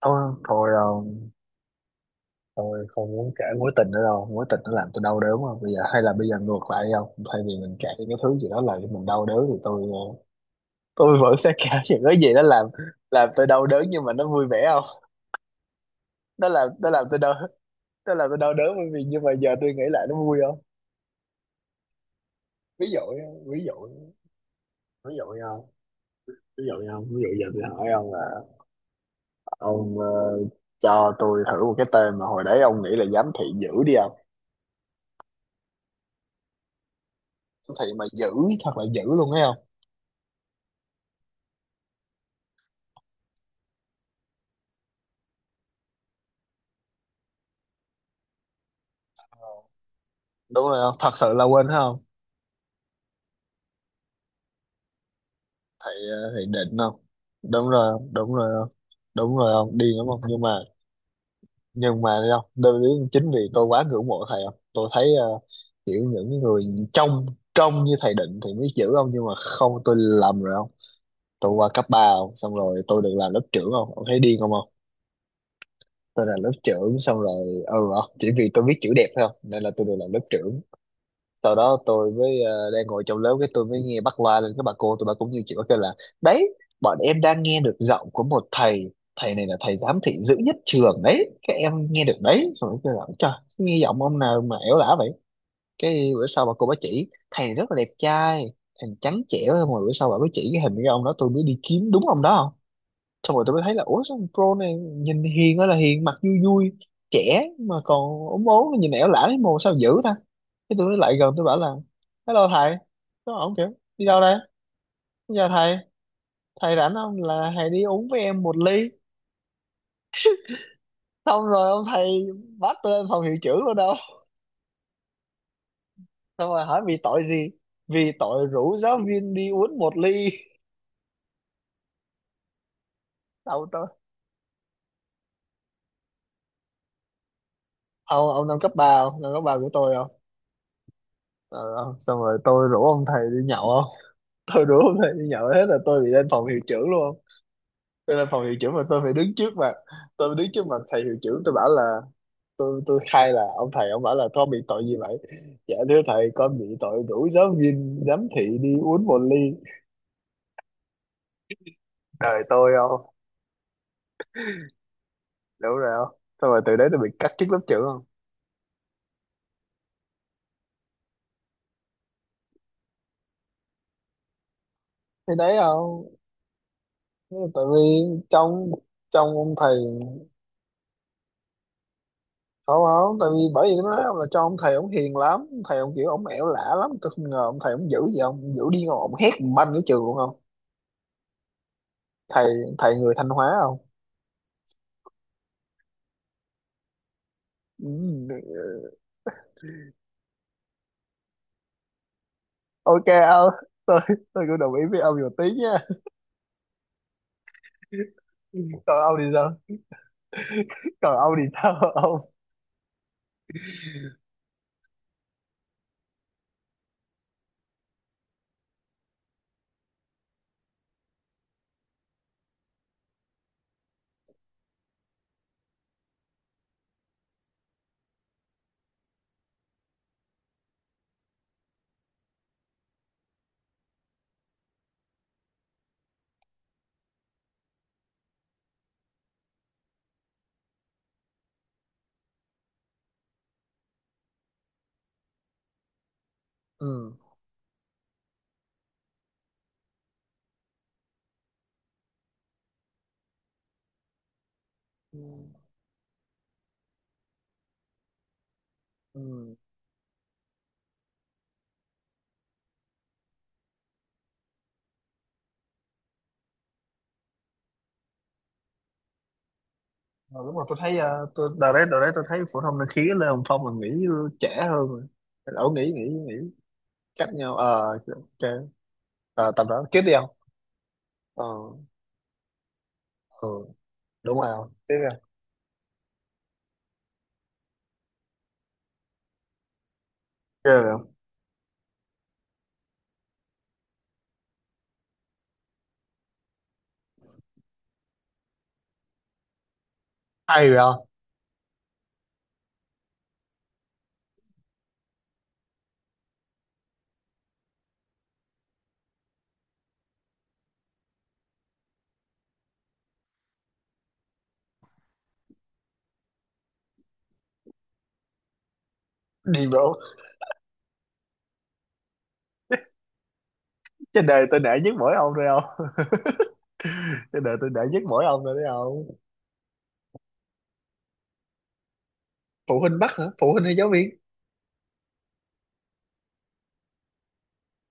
Ờ, thôi tôi không muốn kể mối tình nữa đâu. Mối tình nó làm tôi đau đớn, mà bây giờ hay là bây giờ ngược lại không, thay vì mình kể những cái thứ gì đó làm cho mình đau đớn thì tôi vẫn sẽ kể những cái gì đó làm tôi đau đớn nhưng mà nó vui vẻ không. Nó làm tôi đau, nó làm tôi đau đớn bởi vì nhưng mà giờ tôi nghĩ lại nó vui không. Ví dụ nhá, ví dụ nha ví dụ nha ví dụ giờ tôi hỏi ông là, ông cho tôi thử một cái tên mà hồi đấy ông nghĩ là giám thị dữ đi không. Giám thị mà dữ, thật là dữ luôn thấy không. Đúng rồi không, thật sự là quên phải không. Thầy định không. Đúng rồi không, đúng rồi không, đúng rồi không đi đúng không, nhưng mà thấy không đơn lý, chính vì tôi quá ngưỡng mộ thầy không, tôi thấy uh, kiểu những người trong trong như thầy định thì mới chữ không, nhưng mà không tôi lầm rồi không. Tôi qua cấp ba không, xong rồi tôi được làm lớp trưởng không, ông thấy điên không không. Tôi là lớp trưởng xong rồi, ừ, không chỉ vì tôi biết chữ đẹp thôi không, nên là tôi được làm lớp trưởng. Sau đó đang ngồi trong lớp, cái tôi mới nghe bắt loa lên, các bà cô tụi bà cũng như chị bà kêu là đấy, bọn em đang nghe được giọng của một thầy, thầy này là thầy giám thị dữ nhất trường đấy, các em nghe được đấy. Xong rồi kêu là, trời, nghe giọng ông nào mà ẻo lả vậy. Cái bữa sau bà cô bà chỉ thầy rất là đẹp trai, thầy trắng trẻo, mà bữa sau bà mới chỉ cái hình cái ông đó, tôi mới đi kiếm đúng ông đó. Xong rồi tôi mới thấy là, ủa, sao thằng Pro này nhìn hiền ơi là hiền, mặt vui vui, trẻ mà còn ốm ốm, nhìn ẻo lả thấy mồ, sao dữ ta. Cái tôi mới lại gần tôi bảo là, hello thầy. Nó ổng kiểu, đi đâu đây, giờ thầy thầy rảnh không, là thầy đi uống với em một ly. Xong rồi ông thầy bắt tôi lên phòng hiệu trưởng luôn đâu, xong rồi hỏi vì tội gì, vì tội rủ giáo viên đi uống một ly. Đâu tôi, ông năm cấp ba không, năm cấp ba của tôi không. Ờ, ờ, xong rồi tôi rủ ông thầy đi nhậu. Tôi đố hôm nay đi nhậu hết là tôi bị lên phòng hiệu trưởng luôn không. Tôi lên phòng hiệu trưởng mà tôi phải đứng trước mặt, tôi đứng trước mặt thầy hiệu trưởng, tôi bảo là tôi khai là ông thầy ông bảo là, con bị tội gì vậy. Dạ thưa thầy, con bị tội rủ giáo viên giám thị đi uống một ly. Đời tôi không. Đúng rồi không, xong rồi từ đấy tôi bị cắt chức lớp trưởng không. Thì đấy không, tại vì trong trong ông thầy. Không không, tại vì bởi vì nó nói ông là cho ông thầy ông hiền lắm, ông thầy ông kiểu ông ẻo lả lắm, tôi không ngờ ông thầy ông dữ gì, ông dữ đi, ông hét banh cái trường luôn không. Thầy Thầy người Thanh Hóa không. Ừ. Ok ông. Tôi tôi cũng đồng ý với ông một tí nha. còn ông thì sao còn ông thì sao ông. Ừ, ừ, ừ. Ờ, đúng rồi, tôi thấy, tôi đợt đấy tôi thấy phổ thông năng khí Lê Hồng Phong là nghĩ trẻ hơn rồi, ổng nghĩ nghĩ nghĩ cách nhau ok. Ờ, tầm đó tiếp đi không. ờ ừ, đúng rồi không, tiếp đi không. Tiếp rồi không? Hay rồi không. Đi bộ. Trên đời tôi nể nhất mỗi ông thôi không. Trên đời tôi nể nhất mỗi ông rồi đấy không. Phụ huynh bắt hả, phụ huynh hay giáo viên.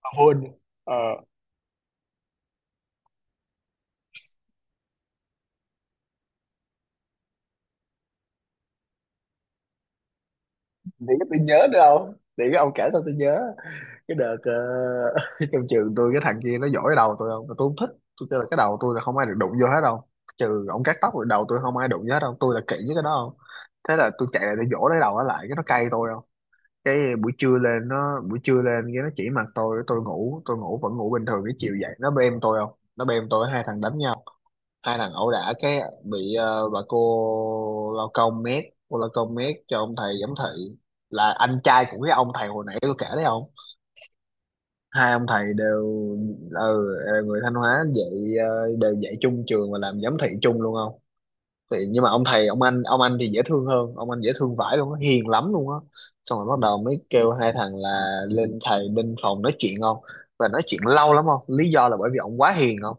Hôn, ờ để cái tôi nhớ nữa không, để cái ông kể sao tôi nhớ. Cái trong trường tôi, cái thằng kia nó dỗi đầu tôi không, mà tôi không thích. Tôi kêu là cái đầu tôi là không ai được đụng vô hết đâu, trừ ông cắt tóc rồi, đầu tôi không ai đụng vô hết đâu, tôi là kỹ với cái đó không. Thế là tôi chạy lại để dỗ lấy đầu nó lại, cái nó cay tôi không. Cái buổi trưa lên nó, buổi trưa lên cái nó chỉ mặt tôi, tôi ngủ vẫn ngủ bình thường, cái chiều dậy nó bêm tôi không. Nó bêm tôi, hai thằng đánh nhau, hai thằng ẩu đả, cái bị bà cô lao công mét, cô lao công mét cho ông thầy giám thị, là anh trai của cái ông thầy hồi nãy tôi kể đấy không. Hai ông thầy đều, ừ, người Thanh Hóa dạy, đều dạy chung trường và làm giám thị chung luôn không. Thì nhưng mà ông thầy ông anh, thì dễ thương hơn, ông anh dễ thương vãi luôn á, hiền lắm luôn á. Xong rồi bắt đầu mới kêu hai thằng là lên thầy bên phòng nói chuyện không, và nói chuyện lâu lắm không, lý do là bởi vì ông quá hiền không,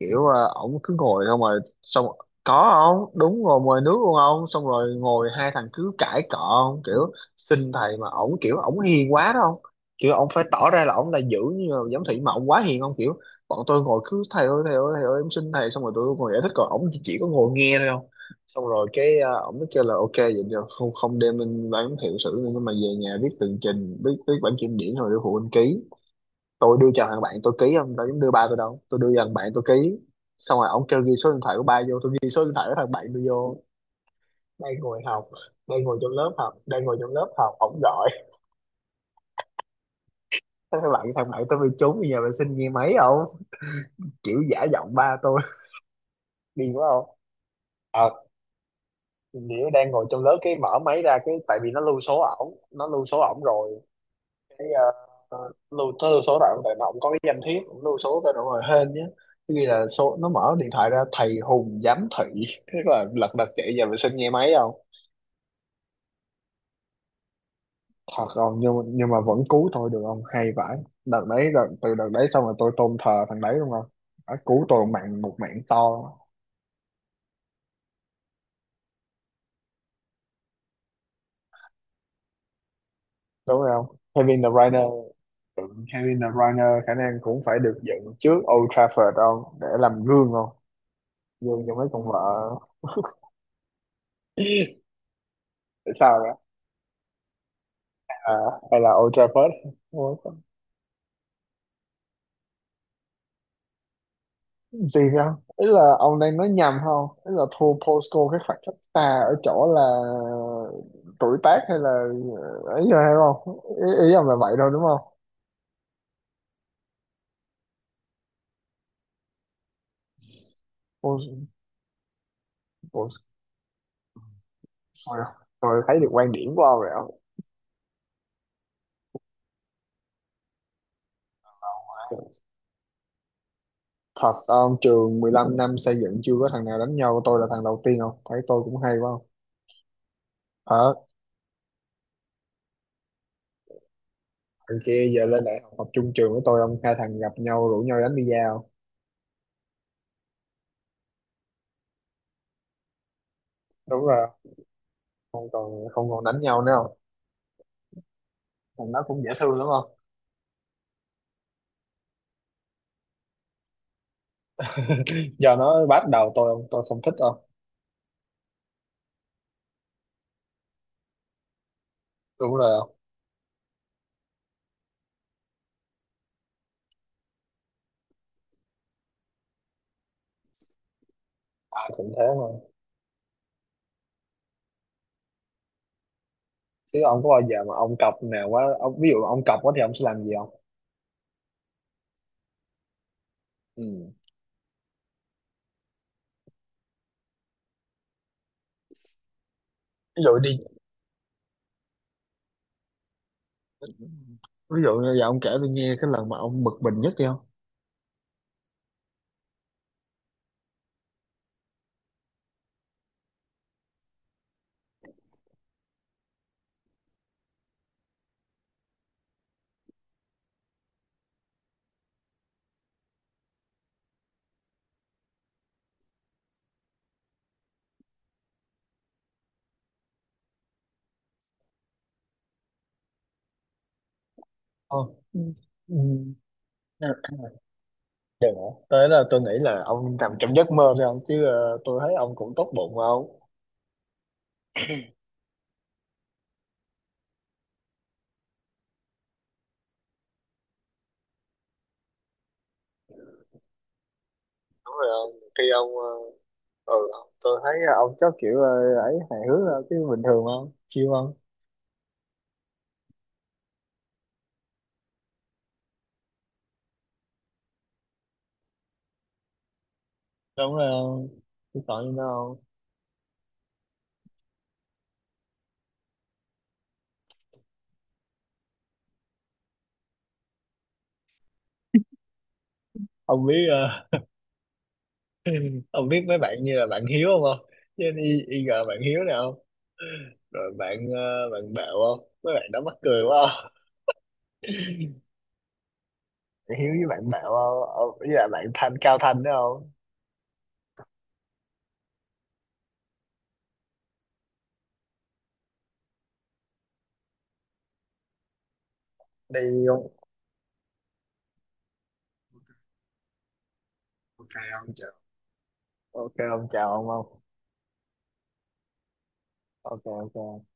kiểu ổng cứ ngồi không rồi xong. Có không, đúng rồi, mời nước luôn không, xong rồi ngồi hai thằng cứ cãi cọ không, kiểu xin thầy mà ổng kiểu ổng hiền quá đó không, kiểu ổng phải tỏ ra là ổng là dữ như là giám thị mà ổng quá hiền không, kiểu bọn tôi ngồi cứ thầy ơi thầy ơi thầy ơi em xin thầy, xong rồi tụi tôi ngồi giải thích, còn ổng chỉ có ngồi nghe thôi không. Xong rồi cái ổng mới kêu là, ok vậy được không, không đem lên bán hiệu sử nữa nhưng mà về nhà viết tường trình, viết viết bản kiểm điểm rồi đưa phụ huynh ký. Tôi đưa cho thằng bạn tôi ký không, tôi dám đưa ba tôi đâu, tôi đưa cho thằng bạn tôi ký. Xong rồi ổng kêu ghi số điện thoại của ba vô, tôi ghi số điện thoại của thằng bạn tôi vô. Đang ngồi học, đang ngồi trong lớp học ổng gọi. Thế thằng bạn tôi bị trúng bây giờ vệ sinh nghe máy không, kiểu giả giọng ba tôi. Điên quá không. Ờ, nghĩa đang ngồi trong lớp cái mở máy ra, cái tại vì nó lưu số ổng, nó lưu số ổng rồi. Cái lưu tới lưu số đoạn, tại nó cũng có cái danh thiếp cũng lưu số tới đoạn rồi, hên nhé, ghi là số, nó mở điện thoại ra thầy Hùng giám thị. Thế là lật đật chạy về vệ sinh nghe máy không. Thật không, nhưng mà vẫn cứu tôi được không, hay vãi. Từ đợt đấy xong rồi tôi tôn thờ thằng đấy đúng không, đã cứu tôi một mạng, một mạng to đúng không. Kevin De Bruyne. Ừ, Kevin De Bruyne khả năng cũng phải được dựng trước Old Trafford không, để làm gương không, gương cho mấy con vợ. Tại sao? À, hay là Old Trafford. Ủa, có gì không, ý là ông đang nói nhầm không, ý là thua Postco cái khoảng cách xa ở chỗ là tuổi tác hay là ấy rồi hay không, ý ông là vậy thôi đúng không. Post, Post, thôi, thấy được quan điểm của ông rồi ông. Thật, ông trường 15 năm xây dựng chưa có thằng nào đánh nhau, tôi là thằng đầu tiên không thấy, tôi cũng hay quá không. Hả. Thằng kia giờ lên đại học học chung trường với tôi ông, hai thằng gặp nhau rủ nhau đánh bida không. Đúng rồi, không còn đánh nhau nữa, thằng nó cũng dễ thương đúng không. Giờ nó bắt đầu tôi không thích đâu. Đúng rồi không. Ai cũng thế mà. Chứ ông có bao giờ mà ông cọc nào quá ông, ví dụ ông cọc quá thì ông sẽ làm gì không. Ừ. Ví dụ đi. Ví dụ như giờ ông kể tôi nghe cái lần mà ông bực mình nhất đi không. Ờ. Ừ. Ừ. Đừng hả? Tới là tôi nghĩ là ông nằm trong giấc mơ thôi ông, chứ tôi thấy ông cũng tốt bụng mà ông. Đúng rồi ông. Khi ông ừ, tôi thấy ông chắc kiểu ấy hài hước thôi, chứ bình thường không? Chiêu không? Đúng rồi không, chứ còn gì nữa không. Ông biết ông biết mấy bạn như là bạn Hiếu không không. Chứ y gờ bạn Hiếu nào không. Rồi bạn bạn Bảo không, mấy bạn đó mắc cười quá không. Bạn Hiếu với bạn Bảo không, Ông- với là bạn Thanh Cao Thanh đó không. Đi không. ok ông chào ok ông chào ông không. Ok ok.